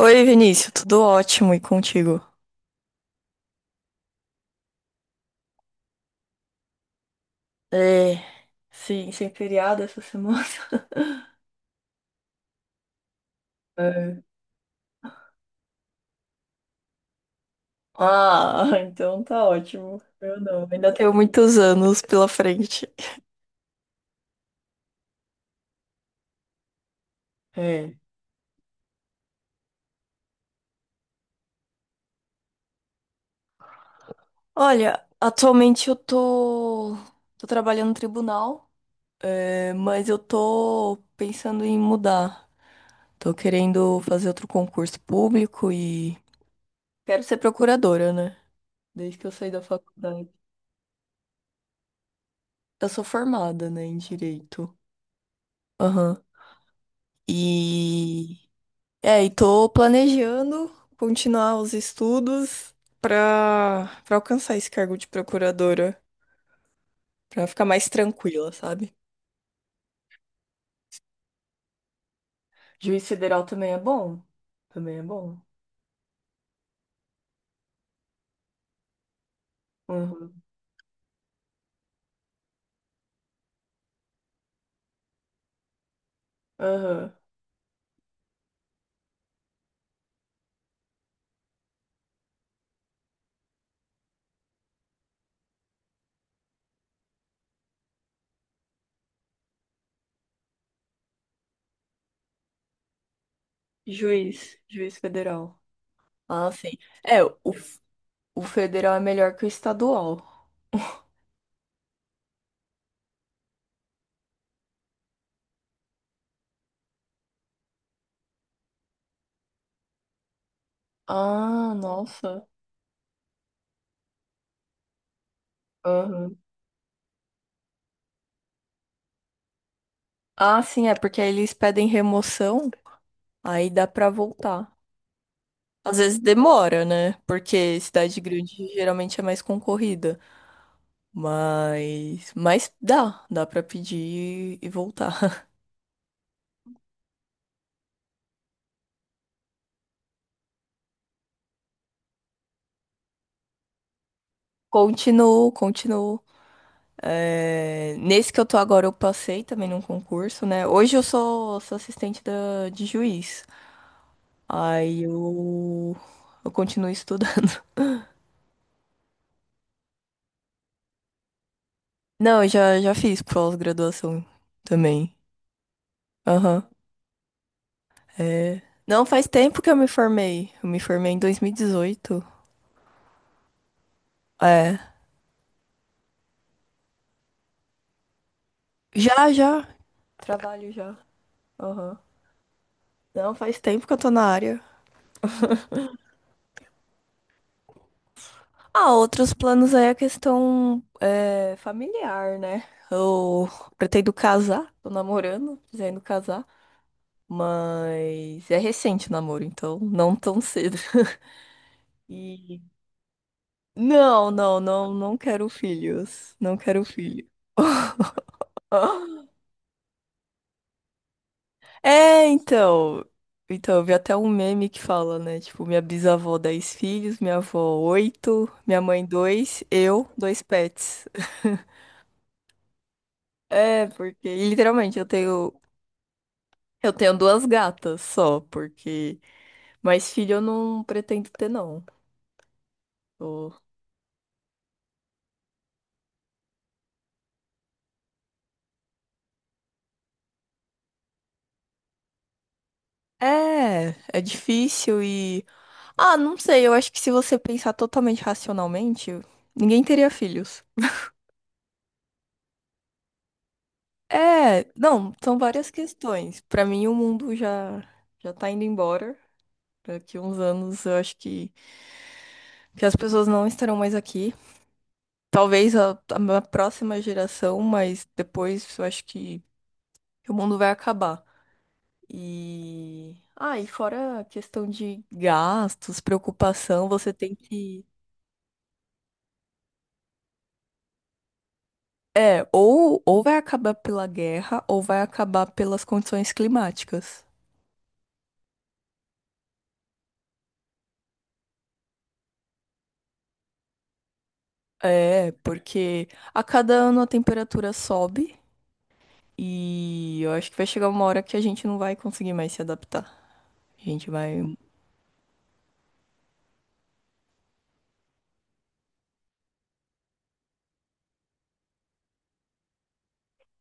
Oi, Vinícius, tudo ótimo e contigo? É, sim, sem feriado essa semana. É. Ah, então tá ótimo. Eu não, ainda tenho muitos anos pela frente. É. Olha, atualmente eu tô trabalhando no tribunal, mas eu tô pensando em mudar. Tô querendo fazer outro concurso público e quero ser procuradora, né? Desde que eu saí da faculdade. Eu sou formada, né, em direito. Aham. E e tô planejando continuar os estudos pra para alcançar esse cargo de procuradora, pra ficar mais tranquila, sabe? Juiz federal também é bom. Também é bom. Uhum. Aham. Juiz federal. Ah, sim. É, o federal é melhor que o estadual. Ah, nossa. Aham. Ah, sim, é porque aí eles pedem remoção, aí dá pra voltar. Às vezes demora, né? Porque cidade grande geralmente é mais concorrida. Mas dá pra pedir e voltar. Continuo, continuo. É, nesse que eu tô agora, eu passei também num concurso, né? Hoje eu sou assistente de juiz. Aí eu continuo estudando. Não, eu já fiz pós-graduação também. Aham. É. Não, faz tempo que eu me formei. Eu me formei em 2018. É. Já, já. Trabalho já. Aham. Não, faz tempo que eu tô na área. Ah, outros planos aí é a questão é, familiar, né? Eu pretendo casar, tô namorando, pretendo casar, mas é recente o namoro, então não tão cedo. E não, não, não, não quero filhos. Não quero filho. É, então. Então, eu vi até um meme que fala, né? Tipo, minha bisavó, 10 filhos, minha avó, 8, minha mãe, 2, eu, dois pets. É, porque literalmente eu tenho. Eu tenho duas gatas só, porque mais filho eu não pretendo ter, não. Eu- é difícil e. Ah, não sei, eu acho que se você pensar totalmente racionalmente, ninguém teria filhos. É, não, são várias questões. Pra mim, o mundo já já tá indo embora. Daqui uns anos, eu acho que as pessoas não estarão mais aqui. Talvez a minha próxima geração, mas depois eu acho que o mundo vai acabar. E. Ah, e fora a questão de gastos, preocupação, você tem que. É, ou vai acabar pela guerra, ou vai acabar pelas condições climáticas. É, porque a cada ano a temperatura sobe e eu acho que vai chegar uma hora que a gente não vai conseguir mais se adaptar. A gente vai.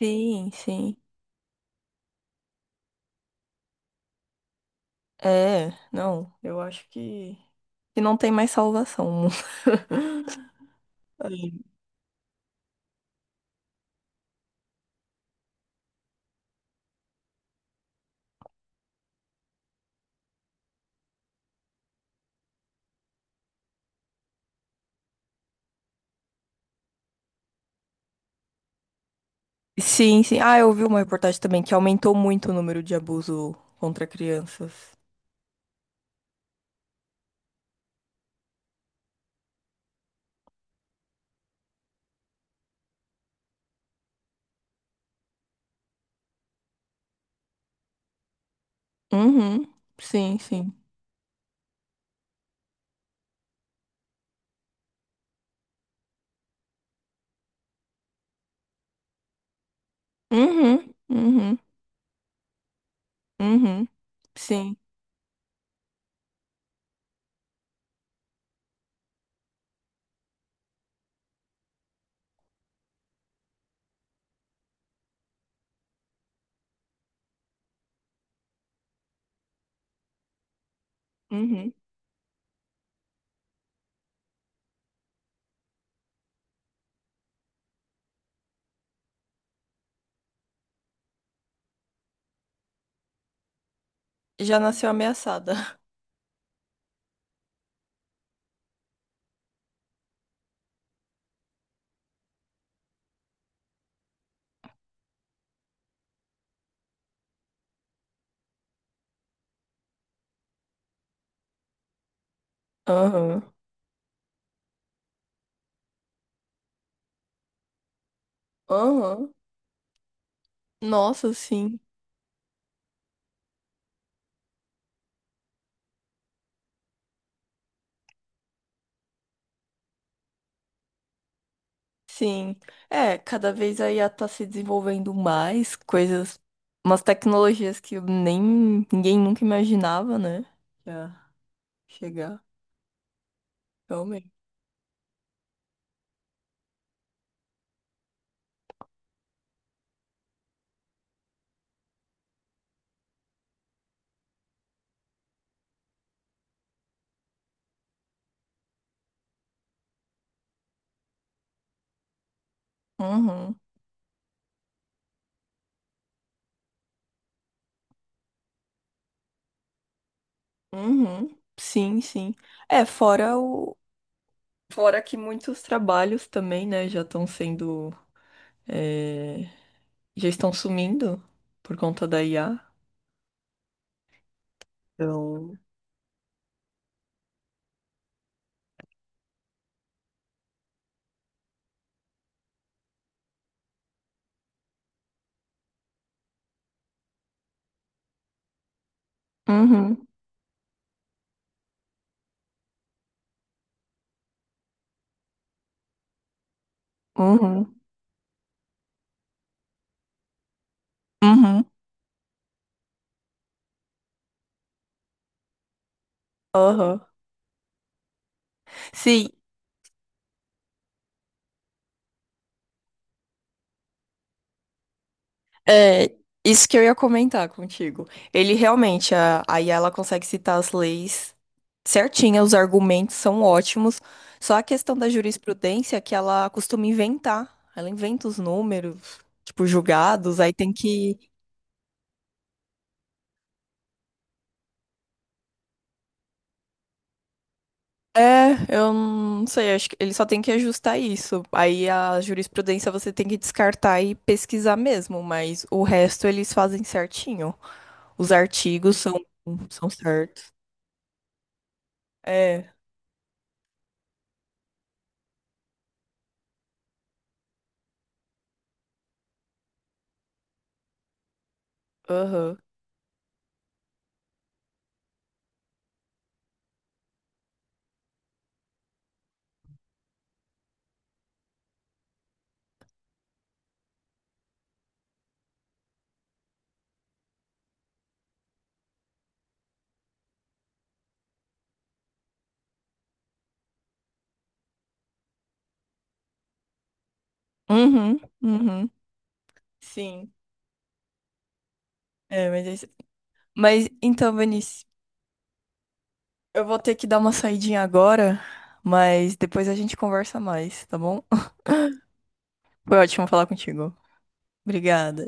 Sim, sim. É, não, eu acho que não tem mais salvação. É. Sim, sim. Ah, eu vi uma reportagem também que aumentou muito o número de abuso contra crianças. Uhum, sim, sim. Uhum, uhum, uhum, sim, uhum. Já nasceu ameaçada. Aham, aham. Nossa, sim, sim. É, cada vez a IA tá se desenvolvendo mais coisas, umas tecnologias que nem ninguém nunca imaginava, né? Já chegar. Realmente. Uhum, uhum. Sim, sim. É, fora o. Fora que muitos trabalhos também, né, já estão sendo. é, Já estão sumindo por conta da IA. Então. Uhum, uhum, uhum. Aham. Sim, é, isso que eu ia comentar contigo. Ele realmente, a Yala consegue citar as leis certinha, os argumentos são ótimos. Só a questão da jurisprudência que ela costuma inventar. Ela inventa os números, tipo, julgados, aí tem que. É, eu não sei, acho que ele só tem que ajustar isso. Aí a jurisprudência você tem que descartar e pesquisar mesmo, mas o resto eles fazem certinho. Os artigos são certos. É, aham. Uhum, uhum, sim. É, mas, é isso. Mas então, Vinícius, eu vou ter que dar uma saidinha agora, mas depois a gente conversa mais, tá bom? Foi ótimo falar contigo. Obrigada.